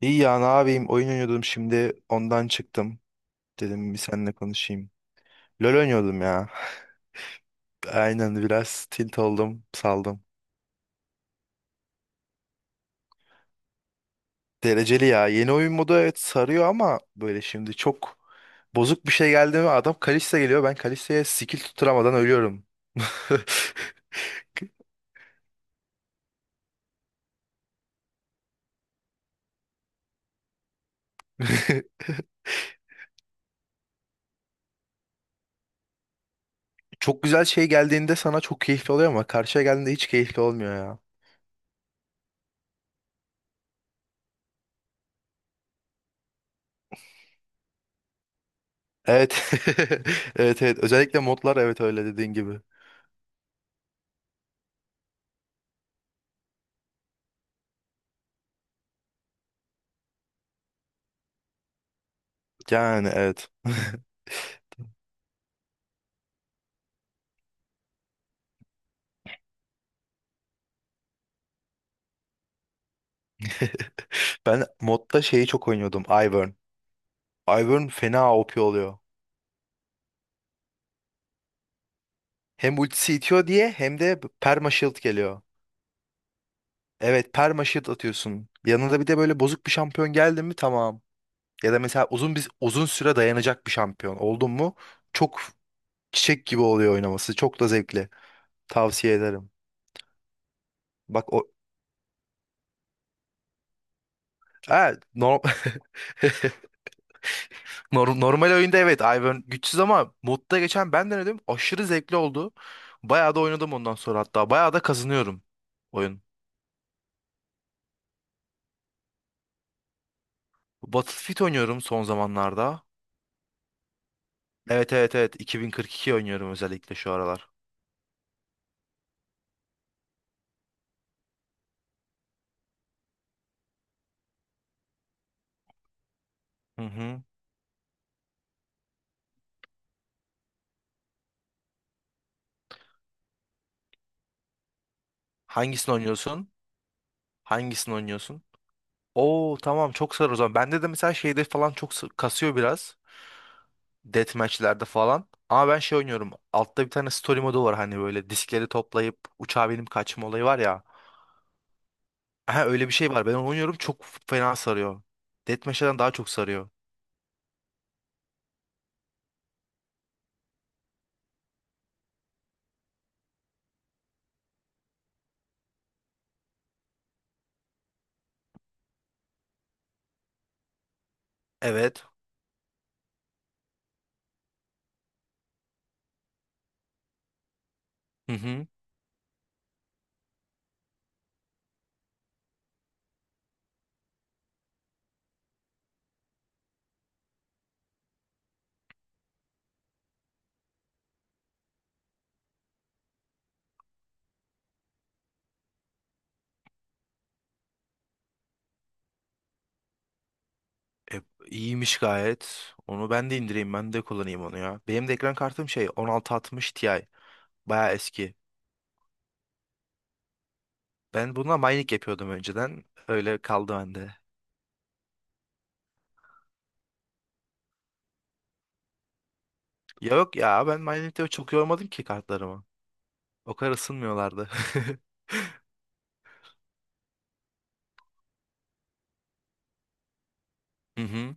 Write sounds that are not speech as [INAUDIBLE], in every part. İyi ya ne yapayım, oyun oynuyordum, şimdi ondan çıktım. Dedim bir seninle konuşayım. LoL oynuyordum ya. [LAUGHS] Aynen, biraz tilt oldum, saldım. Dereceli ya, yeni oyun modu, evet sarıyor ama böyle şimdi çok bozuk bir şey geldi mi, adam Kalista geliyor, ben Kalista'ya skill tutturamadan ölüyorum. [LAUGHS] Çok güzel, şey geldiğinde sana çok keyifli oluyor ama karşıya geldiğinde hiç keyifli olmuyor ya. Evet. [LAUGHS] Evet, özellikle modlar, evet, öyle dediğin gibi. Yani evet. [LAUGHS] Ben modda şeyi çok oynuyordum. Ivern. Ivern fena OP oluyor. Hem ultisi itiyor diye hem de perma shield geliyor. Evet, perma shield atıyorsun. Yanında bir de böyle bozuk bir şampiyon geldi mi, tamam. Ya da mesela uzun uzun süre dayanacak bir şampiyon oldun mu, çok çiçek gibi oluyor oynaması. Çok da zevkli. Tavsiye ederim. Bak o, ha, [LAUGHS] normal oyunda evet Ivern güçsüz, ama modda geçen ben denedim. Aşırı zevkli oldu. Bayağı da oynadım ondan sonra hatta. Bayağı da kazanıyorum oyun. Battlefield oynuyorum son zamanlarda. Evet, 2042 oynuyorum özellikle şu aralar. Hı hı. Hangisini oynuyorsun? Hangisini oynuyorsun? Oo tamam, çok sarı o zaman. Bende de mesela şeyde falan çok kasıyor biraz. Deathmatch'lerde falan. Ama ben şey oynuyorum. Altta bir tane story modu var, hani böyle diskleri toplayıp uçağa binip kaçma olayı var ya. Aha, öyle bir şey var. Ben onu oynuyorum, çok fena sarıyor. Deathmatch'ten daha çok sarıyor. Evet. Hı hı. E, iyiymiş gayet. Onu ben de indireyim, ben de kullanayım onu ya. Benim de ekran kartım şey, 1660 Ti. Baya eski. Ben bununla mining yapıyordum önceden. Öyle kaldı bende. Ya, yok ya, ben mining'de çok yormadım ki kartlarımı. O kadar ısınmıyorlardı. [LAUGHS] Hı hı.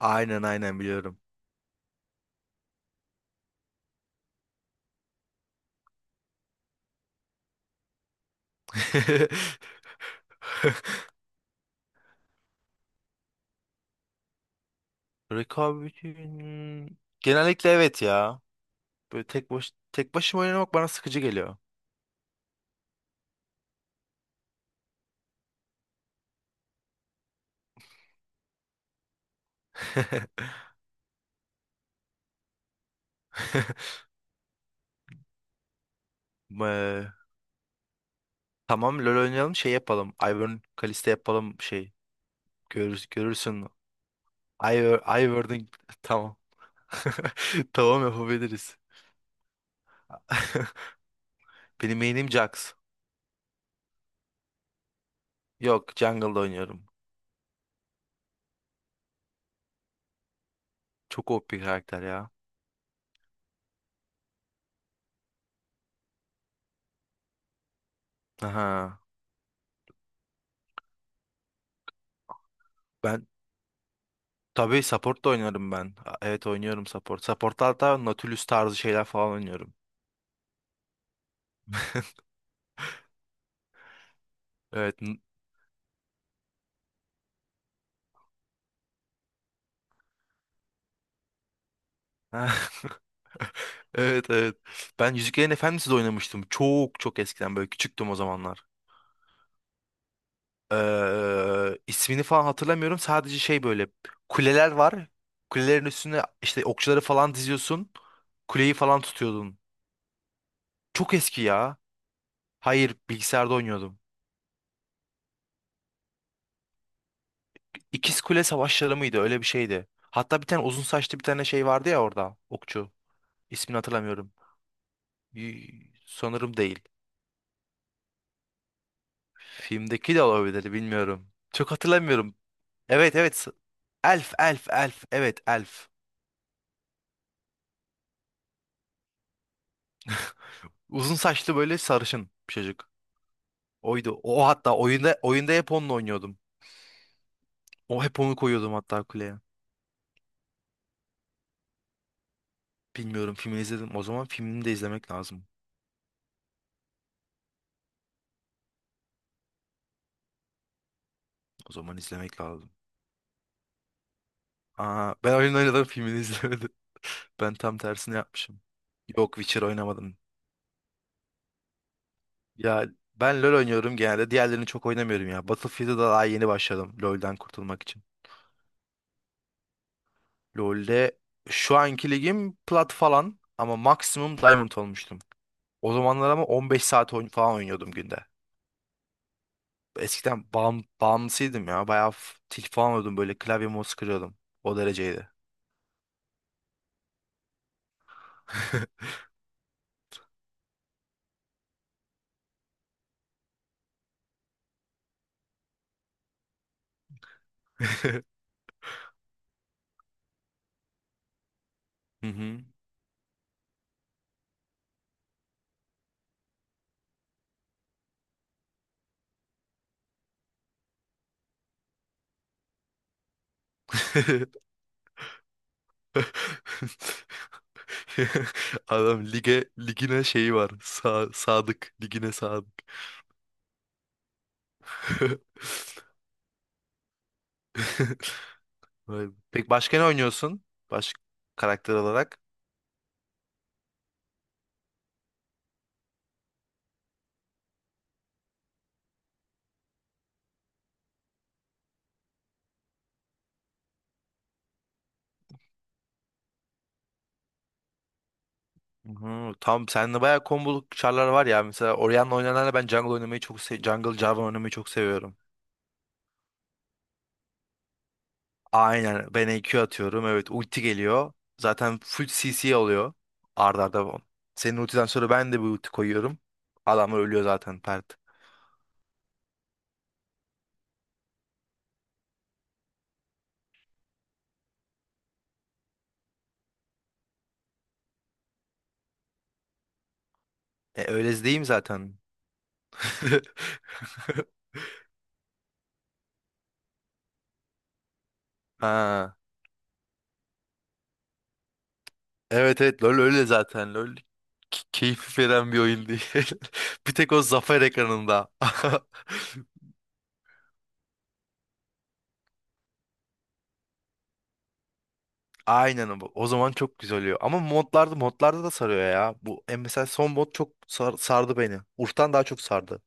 Aynen, aynen, biliyorum. [LAUGHS] Rekabet'in genellikle, evet ya. Böyle tek başıma oynamak bana sıkıcı geliyor. [LAUGHS] Eee, Tamam, LoL oynayalım, şey yapalım. Ivern Kalista yapalım şey. Görürsün. I, wording [LAUGHS] Tamam. [LAUGHS] Tamam, yapabiliriz. [LAUGHS] Benim main'im Jax. Yok, jungle'da oynuyorum. Çok OP bir karakter ya. Aha. Ben tabii support da oynarım ben. Evet, oynuyorum support. Support'ta hatta Nautilus tarzı şeyler falan oynuyorum. [LAUGHS] Evet. [LAUGHS] Evet evet. Ben Yüzüklerin Efendisi de oynamıştım. Çok çok eskiden, böyle küçüktüm o zamanlar. Eee, ismini falan hatırlamıyorum. Sadece şey, böyle kuleler var. Kulelerin üstüne işte okçuları falan diziyorsun. Kuleyi falan tutuyordun. Çok eski ya. Hayır, bilgisayarda oynuyordum. İkiz Kule Savaşları mıydı? Öyle bir şeydi. Hatta bir tane uzun saçlı bir tane şey vardı ya orada. Okçu. İsmini hatırlamıyorum. Sanırım değil. Filmdeki de olabilir, bilmiyorum. Çok hatırlamıyorum. Evet evet. Elf, elf, elf. Evet, elf. Uzun saçlı böyle sarışın bir çocuk. Oydu. O hatta oyunda hep onunla oynuyordum. O hep onu koyuyordum hatta kuleye. Bilmiyorum, filmini izledim. O zaman filmini de izlemek lazım. O zaman izlemek lazım. Aa, ben oyun oynadım, filmini izlemedim. [LAUGHS] Ben tam tersini yapmışım. Yok, Witcher oynamadım. Ya, ben LoL oynuyorum genelde. Diğerlerini çok oynamıyorum ya. Battlefield'a da daha yeni başladım LoL'den kurtulmak için. LoL'de şu anki ligim plat falan ama maksimum diamond olmuştum. O zamanlar ama 15 saat falan oynuyordum günde. Eskiden bağımlısıydım ya. Bayağı tilt falan oluyordum, böyle klavye mouse kırıyordum. O dereceydi. [LAUGHS] Hı hı. [LAUGHS] Adam ligine şeyi var. Sadık. Ligine sadık. [LAUGHS] Vay be. Peki başka ne oynuyorsun? Baş karakter olarak. Hı, tam sende bayağı komboluk çarlar var ya. Mesela Orion'la oynananla ben jungle oynamayı çok jungle Jarvan oynamayı çok seviyorum. Aynen, ben EQ atıyorum. Evet, ulti geliyor. Zaten full CC oluyor. Arda arda. Bu. Senin ultiden sonra ben de bir ulti koyuyorum. Adam ölüyor zaten pert. Öyle değil mi zaten? [LAUGHS] Ha. Evet evet, LoL öyle zaten. LoL keyif veren bir oyun değil. [LAUGHS] Bir tek o zafer ekranında. [LAUGHS] Aynen bu. O zaman çok güzel oluyor. Ama modlarda da sarıyor ya. Bu mesela son mod çok sardı beni. Urf'tan daha çok sardı.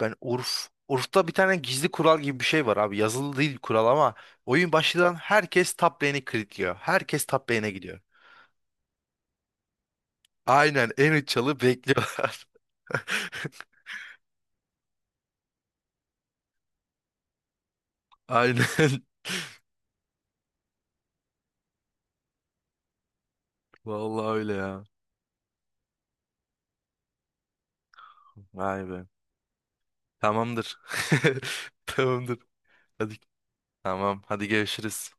Ben Urf. Urf'ta bir tane gizli kural gibi bir şey var abi. Yazılı değil kural ama oyun başlayan herkes top lane'i kilitliyor. Herkes top lane'e gidiyor. Aynen, en üç çalı bekliyorlar. [LAUGHS] Aynen. [LAUGHS] Vallahi öyle ya. Vay be. Tamamdır. [LAUGHS] Tamamdır. Hadi. Tamam. Hadi görüşürüz.